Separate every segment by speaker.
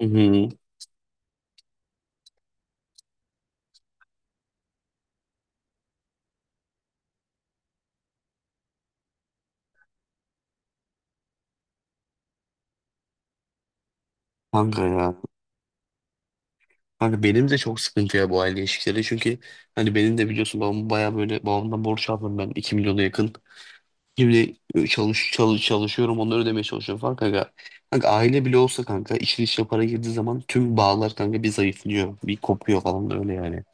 Speaker 1: Hı hı. Kanka ya. Kanka benim de çok sıkıntı ya bu aile ilişkileri. Çünkü hani benim de biliyorsun babam baya böyle babamdan borç aldım ben 2 milyona yakın. Şimdi çalışıyorum onları ödemeye çalışıyorum falan kanka. Kanka aile bile olsa kanka işin içine para girdiği zaman tüm bağlar kanka bir zayıflıyor. Bir kopuyor falan da öyle yani.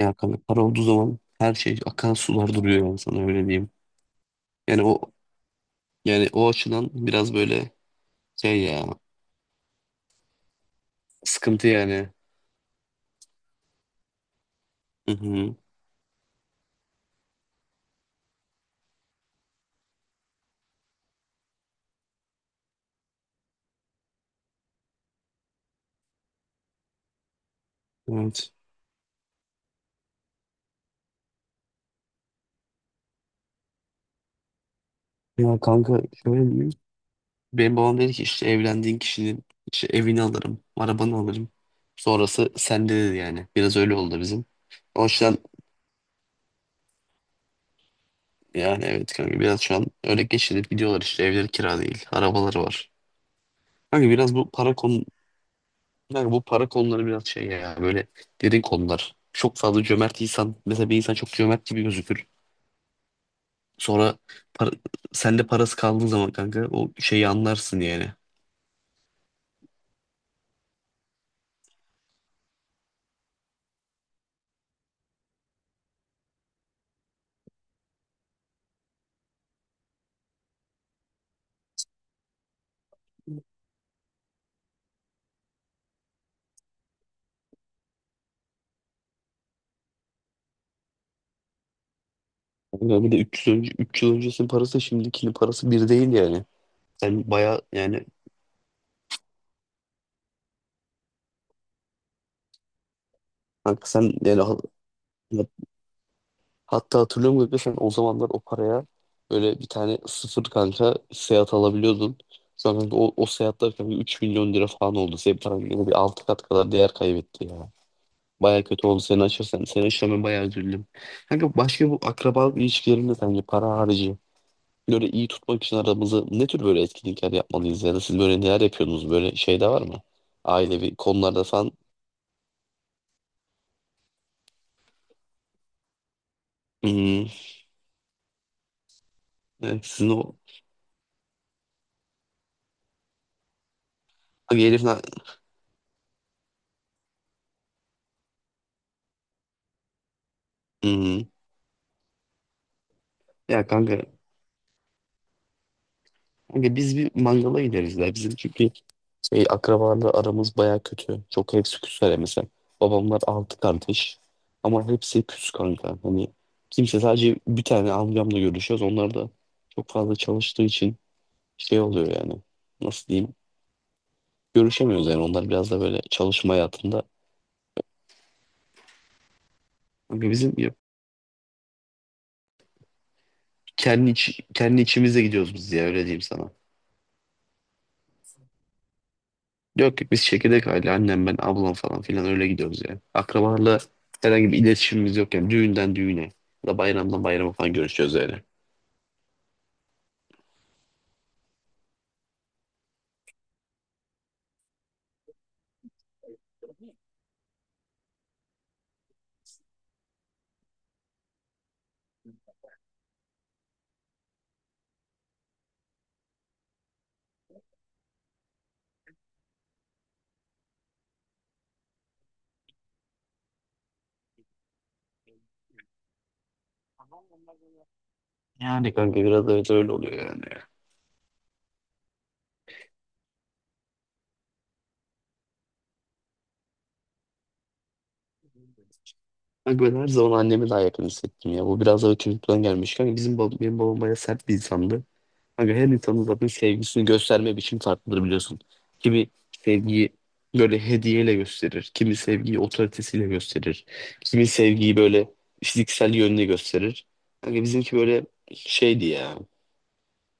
Speaker 1: Yani kanka para olduğu zaman her şey akan sular duruyor yani sana öyle diyeyim. Yani o o açıdan biraz böyle şey ya sıkıntı yani. Hı hı. Evet. Ya kanka şöyle diyeyim. Benim babam dedi ki işte evlendiğin kişinin işte evini alırım, arabanı alırım. Sonrası sende dedi yani. Biraz öyle oldu bizim. O yüzden yani evet kanka biraz şu an öyle geçinip gidiyorlar, işte evleri kira değil, arabaları var. Kanka biraz bu para konu kanka bu para konuları biraz şey ya böyle derin konular. Çok fazla cömert insan, mesela bir insan çok cömert gibi gözükür. Sonra para, sende parası kaldığı zaman kanka o şeyi anlarsın yani. Kanka bir de 300 önce 3 yıl öncesinin parası şimdikinin parası bir değil yani. Sen baya yani kanka sen yani ha- ya- hatta hatırlıyorum gibi sen o zamanlar o paraya böyle bir tane sıfır kanka Seat alabiliyordun. Sonra kanka o Seat'lar kanka 3 milyon lira falan oldu. Senin paran yine bir 6 kat kadar değer kaybetti ya. Baya kötü oldu seni açırsan. Seni açırsam ben bayağı üzüldüm. Kanka başka, bu akrabalık ilişkilerinde sence para harici böyle iyi tutmak için aramızı ne tür böyle etkinlikler yapmalıyız, ya da siz böyle neler yapıyorsunuz, böyle şey de var mı? Ailevi konularda falan. Hmm, evet, sizin o. Hani herifin. Hmm. Ya kanka biz bir mangala gideriz ya. Bizim çünkü şey, akrabalarla aramız baya kötü. Çok, hepsi küsler mesela. Babamlar altı kardeş. Ama hepsi küs kanka. Hani sadece bir tane amcamla görüşüyoruz. Onlar da çok fazla çalıştığı için şey oluyor yani. Nasıl diyeyim? Görüşemiyoruz yani. Onlar biraz da böyle çalışma hayatında. Kanka bizim kendi içimize gidiyoruz biz, ya öyle diyeyim sana. Yok yok, biz çekirdek aile, annem ben ablam falan filan öyle gidiyoruz ya. Akrabalarla herhangi bir iletişimimiz yok yani, düğünden düğüne ya da bayramdan bayrama falan görüşüyoruz öyle. Yani kanka biraz evet öyle oluyor yani. Kanka ben her zaman annemi daha yakın hissettim ya. Bu biraz da çocukluktan gelmiş. Kanka bizim benim babam bayağı sert bir insandı. Kanka her insanın zaten sevgisini gösterme biçimi farklıdır biliyorsun. Kimi sevgiyi böyle hediyeyle gösterir. Kimi sevgiyi otoritesiyle gösterir. Kimi sevgiyi böyle fiziksel yönüyle gösterir. Kanka bizimki böyle şeydi ya,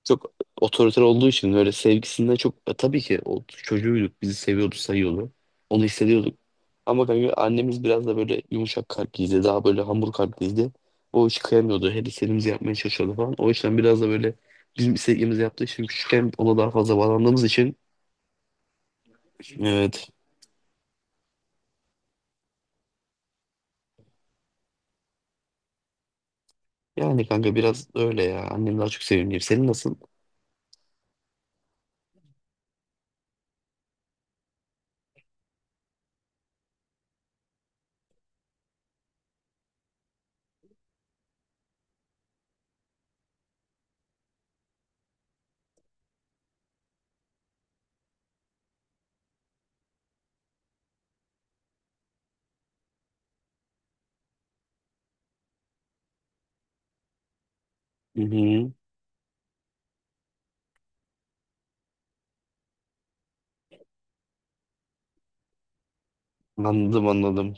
Speaker 1: çok otoriter olduğu için böyle sevgisinden çok tabii ki o, çocuğuyduk bizi seviyordu sayıyordu. Onu hissediyorduk. Ama kanka annemiz biraz da böyle yumuşak kalpliydi. Daha böyle hamur kalpliydi. O hiç kıyamıyordu. Her istediğimizi yapmaya çalışıyordu falan. O yüzden biraz da böyle bizim istediğimizi yaptığı için küçükken ona daha fazla bağlandığımız için, evet. Yani kanka biraz öyle ya. Annem daha çok sevimli. Senin nasıl? Hı hı. Anladım anladım.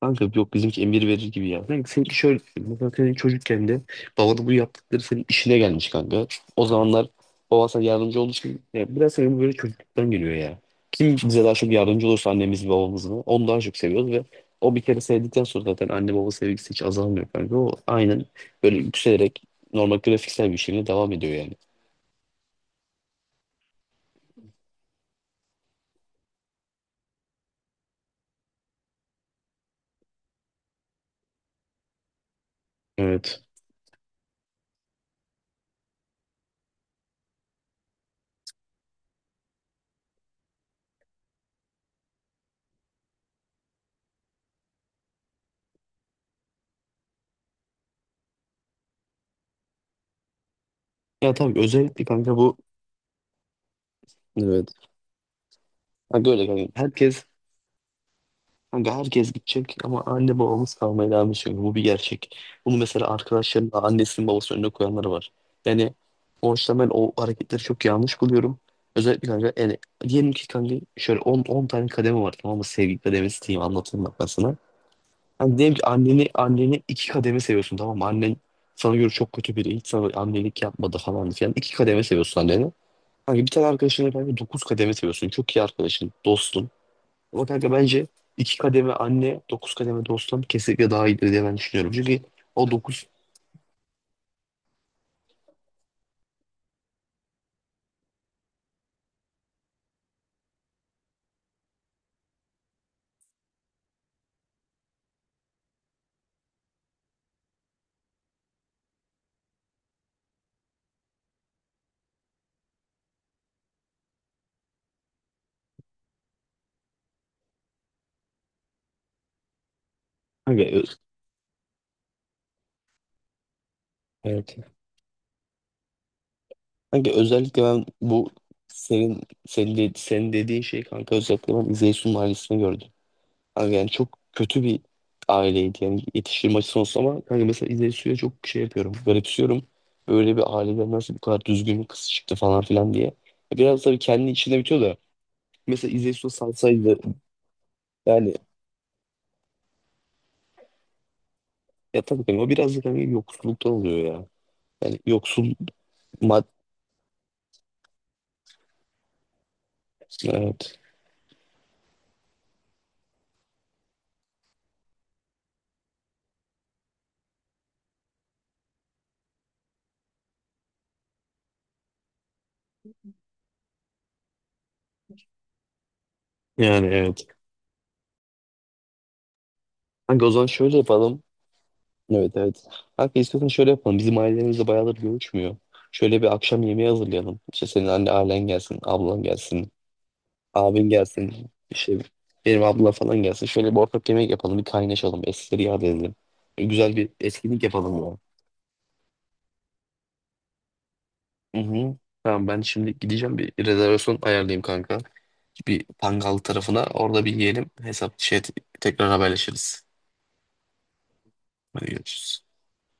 Speaker 1: Kanka yok, bizimki emir verir gibi ya. Kanka seninki şöyle düşün. Mesela senin çocukken de babanın bu yaptıkları senin işine gelmiş kanka. O zamanlar baban sana yardımcı olduğu için ya, biraz senin bu böyle çocukluktan geliyor ya. Kim bize daha çok yardımcı olursa, annemiz mi babamız mı, onu daha çok seviyoruz ve o bir kere sevdikten sonra zaten anne baba sevgisi hiç azalmıyor kanka. O aynen böyle yükselerek normal grafiksel bir şekilde devam ediyor yani. Evet. Ya tabii özellikle kanka bu, evet. Kanka öyle kanka. Kanka herkes gidecek ama anne babamız kalmaya devam edecek. Bu bir gerçek. Bunu mesela arkadaşlarım da, annesinin babasının önüne koyanları var. Yani o yüzden ben o hareketleri çok yanlış buluyorum. Özellikle kanka yani, diyelim ki kanka şöyle 10 tane kademe var, tamam mı? Sevgi kademesi diyeyim, anlatayım bak ben sana. Hani diyelim ki anneni iki kademe seviyorsun tamam mı? Annen sana göre çok kötü biri. Hiç sana annelik yapmadı falan filan. İki kademe seviyorsun anneni. Hani bir tane arkadaşını kanka 9 kademe seviyorsun. Çok iyi arkadaşın, dostun. Ama kanka bence iki kademe anne, dokuz kademe dostum kesinlikle daha iyidir diye ben düşünüyorum. Çünkü o dokuz... Kanka, ö- evet. Kanka özellikle ben bu senin dediğin şey kanka, özellikle ben İzeysu'nun ailesini gördüm. Kanka yani çok kötü bir aileydi yani yetiştirme açısından olsa, ama kanka mesela İzeysu'ya çok şey yapıyorum, garipsiyorum. Böyle bir aileden nasıl bu kadar düzgün bir kız çıktı falan filan diye. Biraz tabii kendi içinde bitiyor da mesela, İzeysu'ya salsaydı yani, ya tabii kanka o biraz da kanka yoksulluktan oluyor ya. Yani yoksul mad evet. Yani evet. Kanka o zaman şöyle yapalım. Evet evet. Kanka istiyorsan şöyle yapalım. Bizim ailemizle bayağıdır görüşmüyor. Şöyle bir akşam yemeği hazırlayalım. İşte senin ailen gelsin, ablan gelsin, abin gelsin. İşte benim abla falan gelsin. Şöyle bir ortak yemek yapalım. Bir kaynaşalım. Eskileri yad edelim. Güzel bir etkinlik yapalım ya. Hı hı. Tamam, ben şimdi gideceğim, bir rezervasyon ayarlayayım kanka. Bir Pangal tarafına, orada bir yiyelim. Hesap şey tekrar haberleşiriz. Hadi görüşürüz.